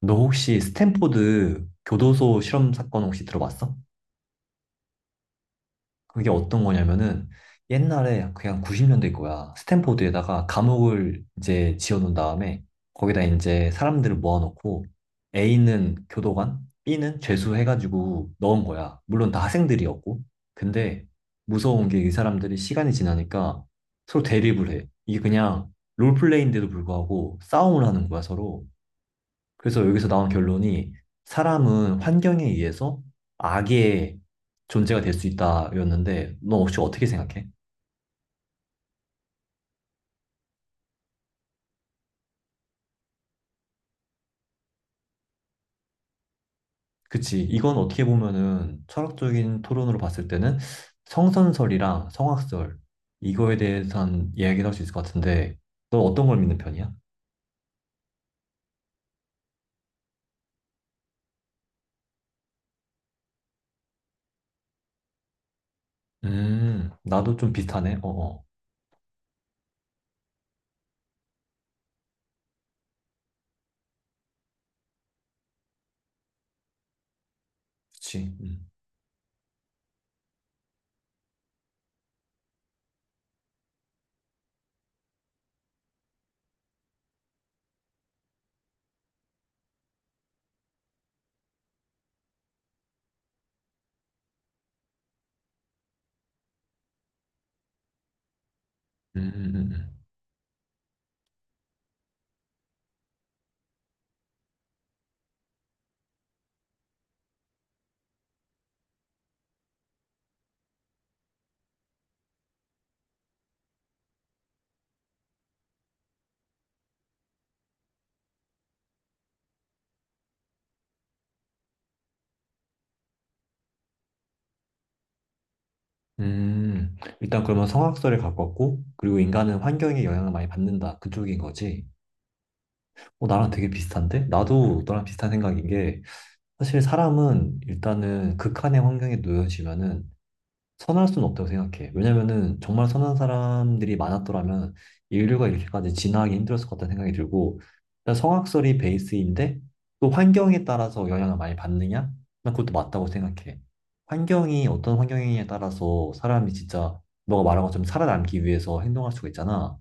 너 혹시 스탠포드 교도소 실험 사건 혹시 들어봤어? 그게 어떤 거냐면은 옛날에 그냥 90년대 거야. 스탠포드에다가 감옥을 이제 지어놓은 다음에 거기다 이제 사람들을 모아놓고 A는 교도관, B는 죄수 해가지고 넣은 거야. 물론 다 학생들이었고. 근데 무서운 게 이 사람들이 시간이 지나니까 서로 대립을 해. 이게 그냥 롤플레이인데도 불구하고 싸움을 하는 거야, 서로. 그래서 여기서 나온 결론이 사람은 환경에 의해서 악의 존재가 될 수 있다였는데 너 혹시 어떻게 생각해? 그치. 이건 어떻게 보면은 철학적인 토론으로 봤을 때는 성선설이랑 성악설 이거에 대해선 이야기를 할 수 있을 것 같은데 너 어떤 걸 믿는 편이야? 나도 좀 비슷하네. 어어. 그치. 음, 음, 음. 일단 그러면 성악설에 가깝고 그리고 인간은 환경의 영향을 많이 받는다. 그쪽인 거지. 어, 나랑 되게 비슷한데? 나도 너랑 비슷한 생각인 게, 사실 사람은 일단은 극한의 환경에 놓여지면은 선할 수는 없다고 생각해. 왜냐면은 정말 선한 사람들이 많았더라면 인류가 이렇게까지 진화하기 힘들었을 것 같다는 생각이 들고, 일단 성악설이 베이스인데, 또 환경에 따라서 영향을 많이 받느냐? 난 그것도 맞다고 생각해. 환경이 어떤 환경이냐에 따라서 사람이 진짜 너가 말한 것처럼 살아남기 위해서 행동할 수가 있잖아.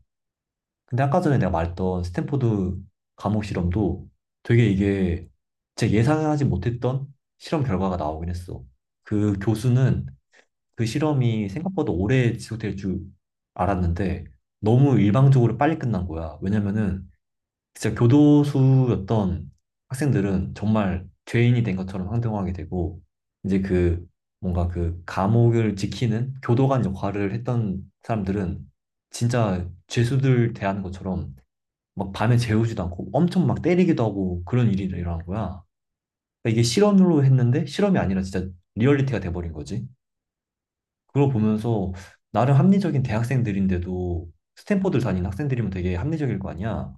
근데 아까 전에 내가 말했던 스탠포드 감옥 실험도 되게 이게 제 예상하지 못했던 실험 결과가 나오긴 했어. 그 교수는 그 실험이 생각보다 오래 지속될 줄 알았는데 너무 일방적으로 빨리 끝난 거야. 왜냐면은 진짜 교도소였던 학생들은 정말 죄인이 된 것처럼 행동하게 되고 이제 그 뭔가 그 감옥을 지키는 교도관 역할을 했던 사람들은 진짜 죄수들 대하는 것처럼 막 밤에 재우지도 않고 엄청 막 때리기도 하고 그런 일이 일어난 거야. 그러니까 이게 실험으로 했는데 실험이 아니라 진짜 리얼리티가 돼버린 거지. 그걸 보면서 나름 합리적인 대학생들인데도 스탠퍼드를 다니는 학생들이면 되게 합리적일 거 아니야.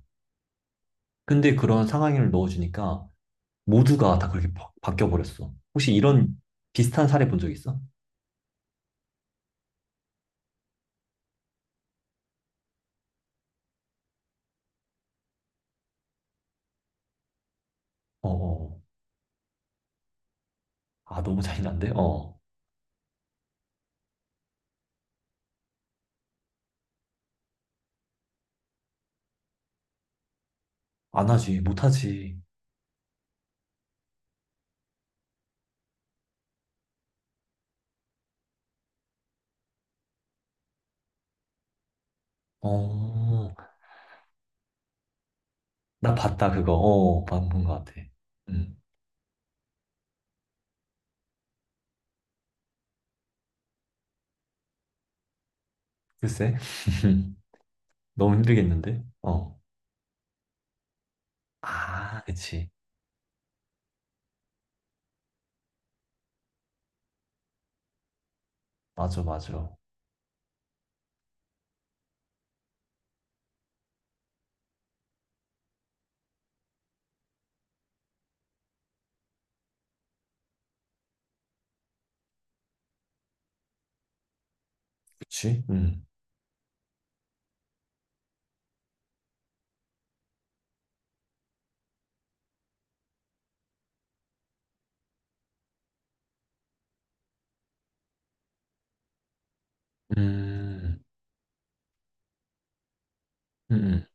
근데 그런 상황을 넣어주니까 모두가 다 그렇게 바뀌어버렸어. 혹시 이런 비슷한 사례 본 적 있어? 어, 어. 어. 아, 너무 잔인한데? 어. 안 하지, 못 하지. 어, 나 봤다, 그거. 어, 방본 것 같아. 음, 글쎄. 너무 힘들겠는데? 어. 아, 그치. 맞아, 맞아. 그치? 음. 음. 음. 음.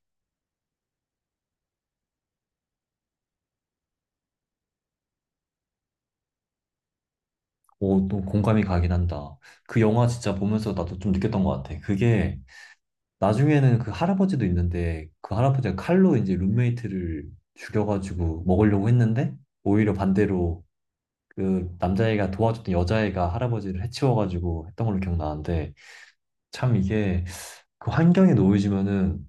오, 또 공감이 가긴 한다. 그 영화 진짜 보면서 나도 좀 느꼈던 것 같아. 그게 나중에는 그 할아버지도 있는데 그 할아버지가 칼로 이제 룸메이트를 죽여가지고 먹으려고 했는데 오히려 반대로 그 남자애가 도와줬던 여자애가 할아버지를 해치워가지고 했던 걸로 기억나는데 참 이게 그 환경에 놓여지면은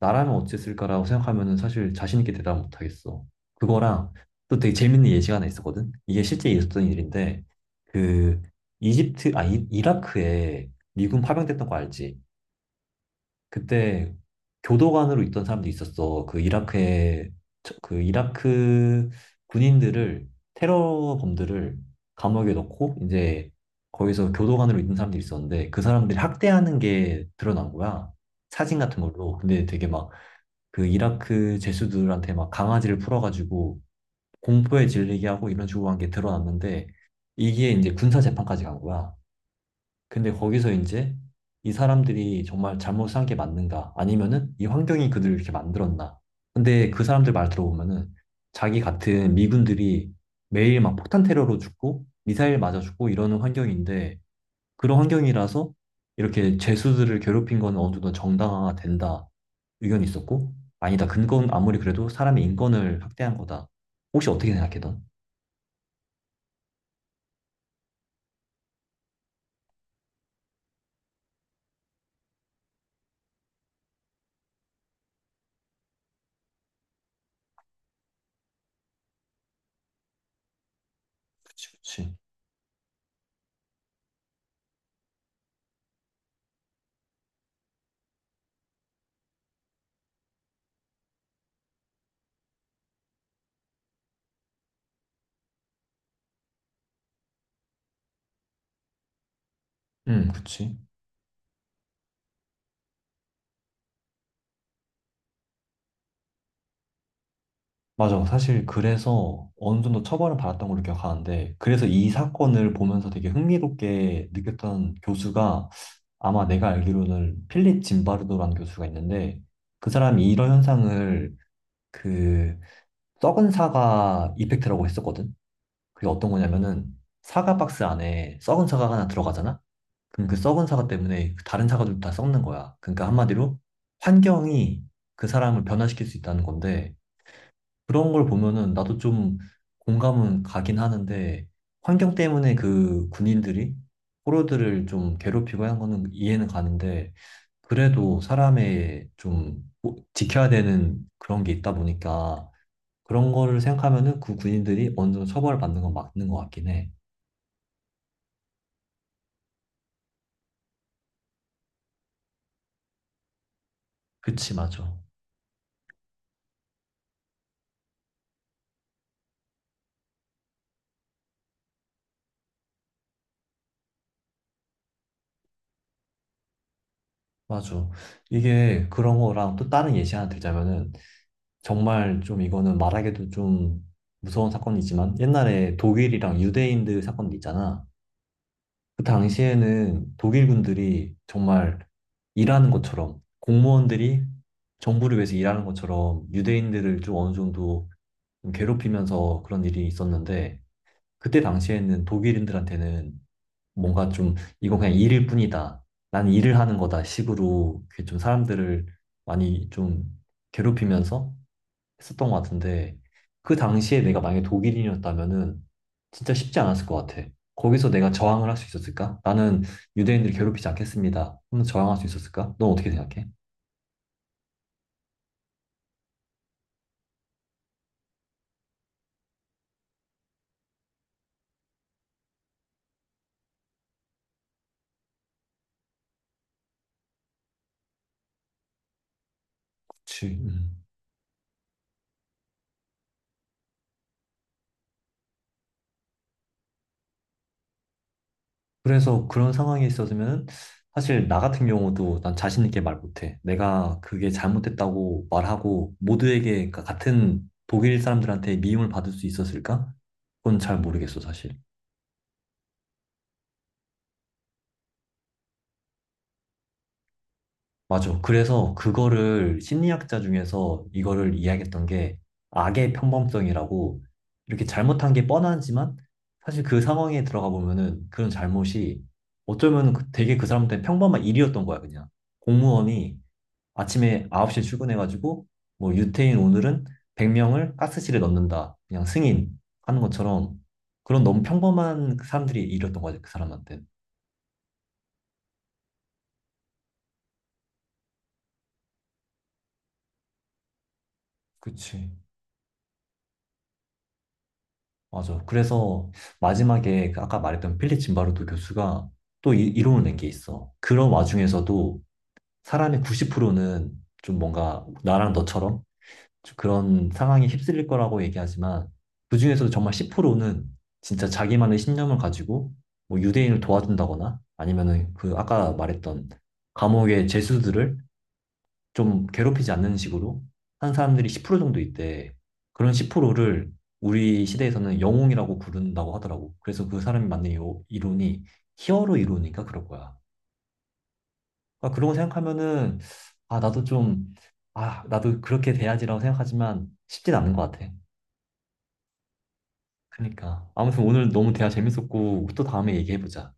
나라면 어땠을까라고 생각하면은 사실 자신 있게 대답 못 하겠어. 그거랑 또 되게 재밌는 예시가 하나 있었거든. 이게 실제 있었던 일인데 그 이집트 아 이, 라크에 미군 파병됐던 거 알지? 그때 교도관으로 있던 사람도 있었어. 그 이라크에 그 이라크 군인들을 테러범들을 감옥에 넣고 이제 거기서 교도관으로 있던 사람들이 있었는데 그 사람들이 학대하는 게 드러난 거야. 사진 같은 걸로. 근데 되게 막 그 이라크 죄수들한테 막 강아지를 풀어가지고 공포에 질리게 하고 이런 식으로 한 게 드러났는데 이게 이제 군사 재판까지 간 거야. 근데 거기서 이제 이 사람들이 정말 잘못 산 게 맞는가? 아니면은 이 환경이 그들을 이렇게 만들었나? 근데 그 사람들 말 들어보면은 자기 같은 미군들이 매일 막 폭탄 테러로 죽고 미사일 맞아 죽고 이러는 환경인데 그런 환경이라서 이렇게 죄수들을 괴롭힌 건 어느 정도 정당화가 된다 의견이 있었고, 아니다 그건 아무리 그래도 사람의 인권을 학대한 거다. 혹시 어떻게 생각해 넌? 그치, 그치. 응, 그치. 맞아. 사실 그래서 어느 정도 처벌을 받았던 걸로 기억하는데, 그래서 이 사건을 보면서 되게 흥미롭게 느꼈던 교수가 아마 내가 알기로는 필립 짐바르도라는 교수가 있는데, 그 사람이 이런 현상을 그 썩은 사과 이펙트라고 했었거든. 그게 어떤 거냐면은 사과 박스 안에 썩은 사과가 하나 들어가잖아? 그럼 그 썩은 사과 때문에 그 다른 사과들도 다 썩는 거야. 그러니까 한마디로 환경이 그 사람을 변화시킬 수 있다는 건데, 그런 걸 보면은 나도 좀 공감은 가긴 하는데 환경 때문에 그 군인들이 포로들을 좀 괴롭히고 하는 거는 이해는 가는데 그래도 사람의 좀 지켜야 되는 그런 게 있다 보니까 그런 거를 생각하면은 그 군인들이 어느 정도 처벌을 받는 건 맞는 것 같긴 해. 그치, 맞아. 맞아. 이게 그런 거랑 또 다른 예시 하나 들자면은 정말 좀 이거는 말하기도 좀 무서운 사건이지만 옛날에 독일이랑 유대인들 사건 있잖아. 그 당시에는 독일 군들이 정말 일하는 것처럼 공무원들이 정부를 위해서 일하는 것처럼 유대인들을 좀 어느 정도 좀 괴롭히면서 그런 일이 있었는데 그때 당시에는 독일인들한테는 뭔가 좀 이건 그냥 일일 뿐이다. 난 일을 하는 거다 식으로 그게 좀 사람들을 많이 좀 괴롭히면서 했었던 것 같은데 그 당시에 내가 만약에 독일인이었다면은 진짜 쉽지 않았을 것 같아. 거기서 내가 저항을 할 수 있었을까? 나는 유대인들을 괴롭히지 않겠습니다 하면 저항할 수 있었을까? 넌 어떻게 생각해? 그치. 음. 그래서 그런 상황에 있었으면 사실 나 같은 경우도 난 자신 있게 말 못해. 내가 그게 잘못됐다고 말하고 모두에게, 그러니까 같은 독일 사람들한테 미움을 받을 수 있었을까? 그건 잘 모르겠어, 사실. 맞아. 그래서 그거를 심리학자 중에서 이거를 이야기했던 게 악의 평범성이라고, 이렇게 잘못한 게 뻔하지만 사실 그 상황에 들어가 보면은 그런 잘못이 어쩌면 그- 되게 그 사람한테 평범한 일이었던 거야, 그냥. 공무원이 아침에 9시에 출근해가지고 뭐 유태인 오늘은 100명을 가스실에 넣는다. 그냥 승인 하는 것처럼 그런 너무 평범한 사람들이 일이었던 거지, 그 사람한테. 그치. 맞아. 그래서 마지막에 그 아까 말했던 필립 짐바르도 교수가 또 이론을 낸 게 있어. 그런 와중에서도 사람의 90%는 좀 뭔가 나랑 너처럼 좀 그런 상황에 휩쓸릴 거라고 얘기하지만 그중에서도 정말 10%는 진짜 자기만의 신념을 가지고 뭐 유대인을 도와준다거나 아니면은 그 아까 말했던 감옥의 죄수들을 좀 괴롭히지 않는 식으로 한 사람들이 10% 정도 있대. 그런 10%를 우리 시대에서는 영웅이라고 부른다고 하더라고. 그래서 그 사람이 만든 요 이론이 히어로 이론이니까 그럴 거야. 그러니까 그런 거 생각하면은 아 나도 좀 아 나도 그렇게 돼야지라고 생각하지만 쉽진 않은 것 같아. 그러니까 아무튼 오늘 너무 대화 재밌었고 또 다음에 얘기해보자.